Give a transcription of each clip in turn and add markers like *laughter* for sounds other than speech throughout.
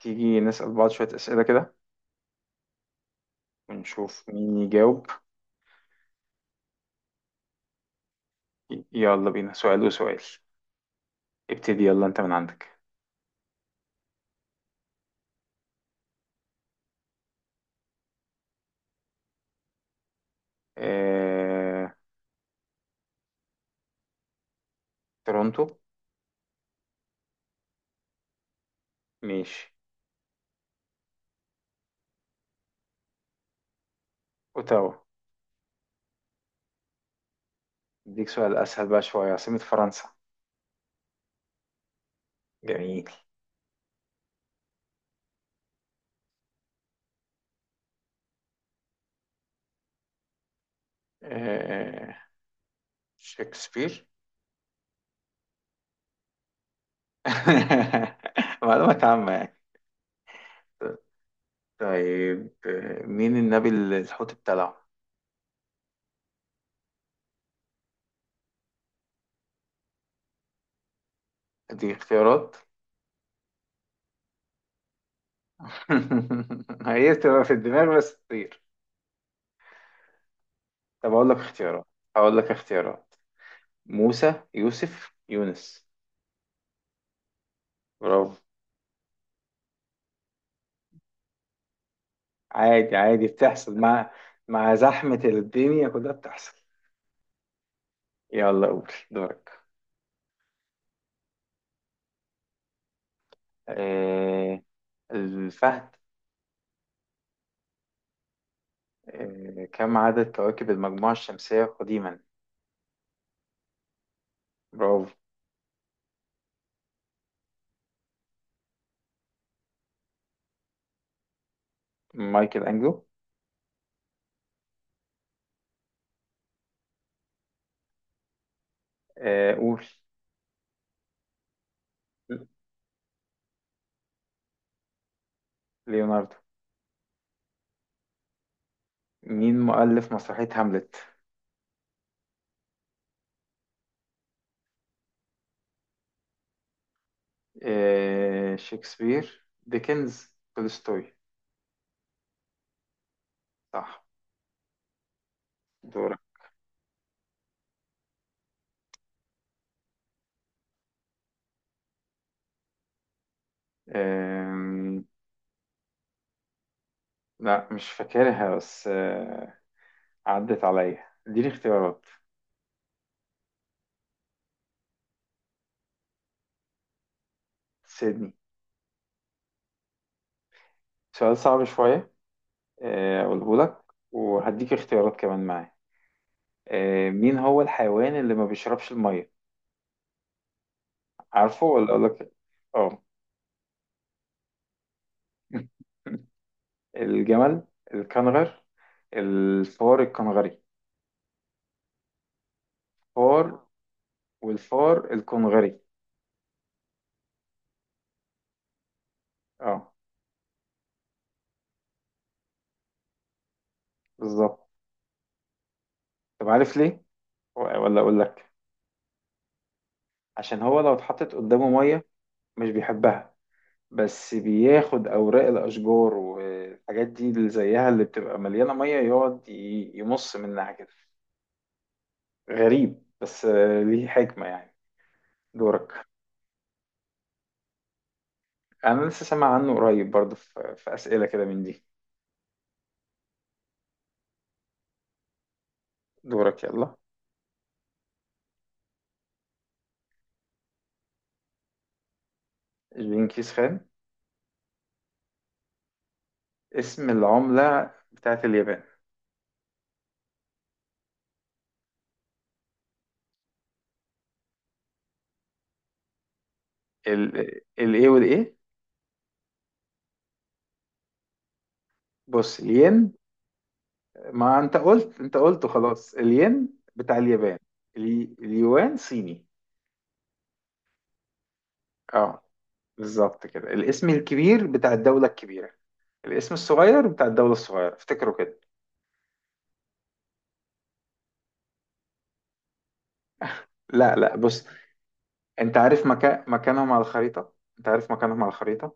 تيجي نسأل بعض شوية أسئلة كده ونشوف مين يجاوب. يلا بينا سؤال وسؤال. ابتدي يلا، أنت من عندك. اه... تورونتو. ماشي. أوتاوا. أديك سؤال أسهل بقى شوية، عاصمة فرنسا؟ جميل. اه... شكسبير. *laughs* معلومات عامة يعني. طيب، مين النبي اللي الحوت بتاعه؟ دي اختيارات. *laughs* هي بتبقى في الدماغ بس تطير. طب أقول لك اختيارات، هقول لك اختيارات: موسى، يوسف، يونس. برافو. عادي عادي، بتحصل مع زحمة الدنيا كلها بتحصل. يلا قول دورك. آه الفهد. كم عدد كواكب المجموعة الشمسية قديما؟ برافو. مايكل أنجلو. آه، قول. ليوناردو. مين مؤلف مسرحية هاملت؟ شكسبير، ديكنز، تولستوي. صح. دورك. آه لا مش فاكرها بس، عدت عليا، اديني اختيارات. سيدني. سؤال صعب شوية، اقوله لك وهديك اختيارات كمان معاه. مين هو الحيوان اللي ما بيشربش المية؟ عارفه ولا اقول لك؟ اه. *laughs* الجمل، الكنغر، الفار الكنغري. فار، والفار الكنغري. اه، بالظبط. طب عارف ليه ولا اقول لك؟ عشان هو لو اتحطت قدامه مية مش بيحبها. بس بياخد أوراق الأشجار والحاجات دي اللي زيها اللي بتبقى مليانة مية، يقعد يمص منها كده. غريب، بس ليه حكمة يعني. دورك. أنا لسه سامع عنه قريب برضه في أسئلة كده من دي. دورك يلا. جنكيز خان. اسم العملة بتاعت اليابان. الايه والايه. بص، الين. ما انت قلت، انت قلته خلاص، الين، بتاع اليابان. اليوان صيني. اه، بالظبط كده، الاسم الكبير بتاع الدولة الكبيرة، الاسم الصغير بتاع الدولة الصغيرة، افتكروا كده. لا لا، بص. انت عارف مكانهم على الخريطة، انت عارف مكانهم على الخريطة.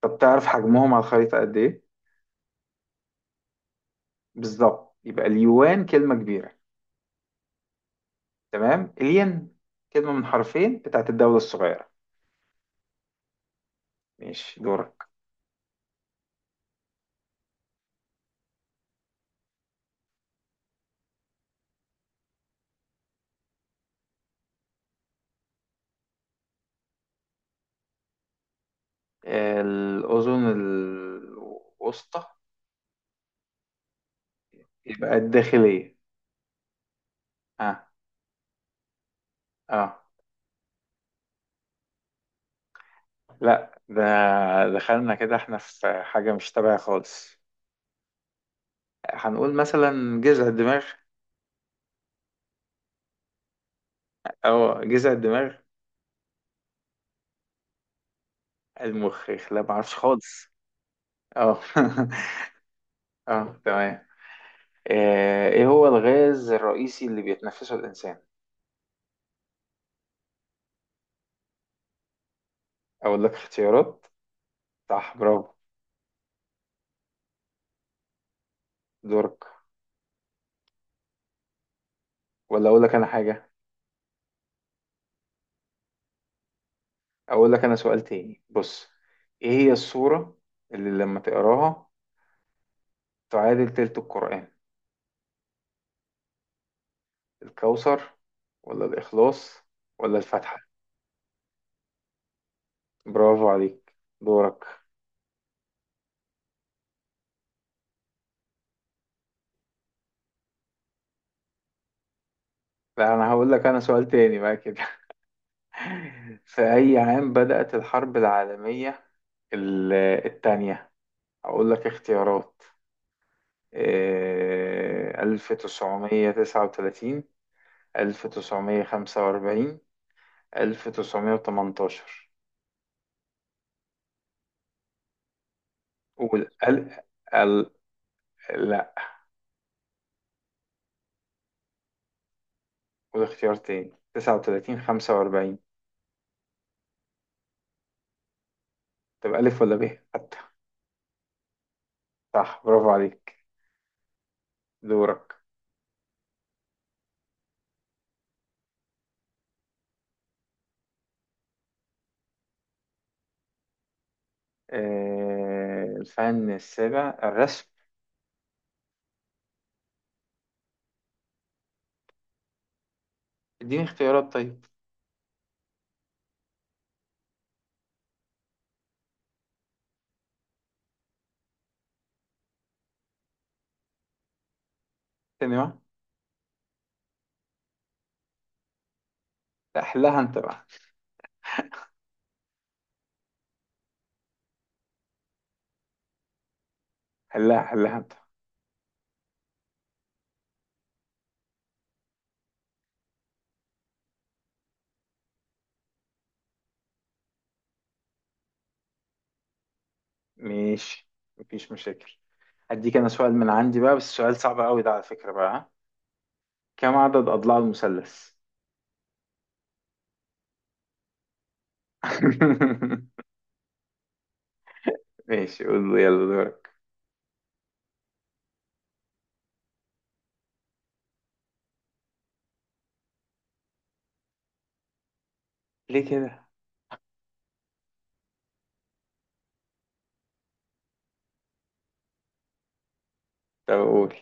طب تعرف حجمهم على الخريطة قد ايه؟ بالظبط، يبقى اليوان كلمة كبيرة. تمام. الين كلمة من حرفين بتاعت الدولة الصغيرة. ماشي، دورك. الأذن الوسطى. يبقى الداخلية. اه. اه. لا، ده دخلنا كده احنا في حاجة مش تبع خالص. هنقول مثلا جذع الدماغ، او جذع الدماغ، المخ. لا، معرفش خالص. اه. *laughs* اه، تمام. ايه هو الغاز الرئيسي اللي بيتنفسه الانسان؟ اقول لك اختيارات. صح، برافو. دورك. ولا اقول لك انا حاجة؟ اقول لك انا سؤال تاني، بص. ايه هي السورة اللي لما تقراها تعادل تلت القرآن؟ الكوثر، ولا الإخلاص، ولا الفاتحة؟ برافو عليك. دورك. لا، أنا هقول لك أنا سؤال تاني بقى كده. *laughs* في أي عام بدأت الحرب العالمية ال- التانية؟ أقول لك اختيارات. 1939، 1945، 1918. قول ال... ال... لا، قول اختيار تاني، 39، 45. طب ألف ولا ب حتى. صح، برافو عليك. دورك. الفن السابع، الرسم. اديني اختيارات طيب. سينما. لا، حلها انت بقى. حلها حلها انت. ماشي، مفيش مشاكل. هديك انا سؤال من عندي بقى، بس سؤال صعب قوي ده على فكرة بقى، ها؟ كم عدد اضلاع المثلث؟ *laughs* ماشي، قول لي يلا دورك. ليه كده؟ طب قول.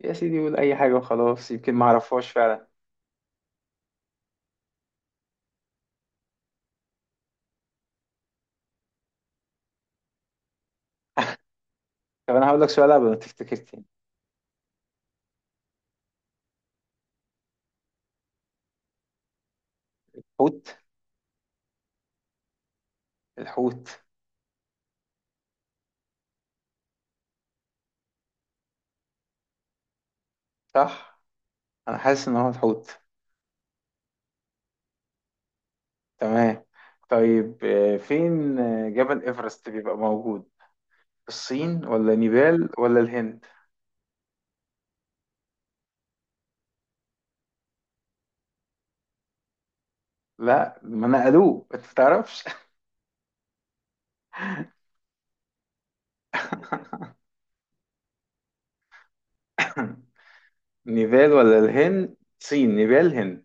يا سيدي قول اي حاجة وخلاص، يمكن ما اعرفهاش فعلا. طب انا هقول لك سؤال قبل ما تفتكر تاني. حوت. الحوت. صح. انا حاسس ان هو الحوت. تمام. طيب، آه، فين آه، جبل إيفرست بيبقى موجود في الصين ولا نيبال ولا الهند؟ لا، ما نقلوه، انت تعرفش. *laughs* نيبال ولا الهند؟ صين، نيبال، هند.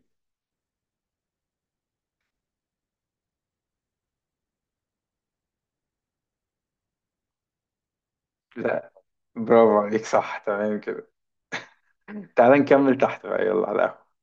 لا. برافو عليك، صح، تمام كده. تعال نكمل تحت بقى، يلا على القهوة.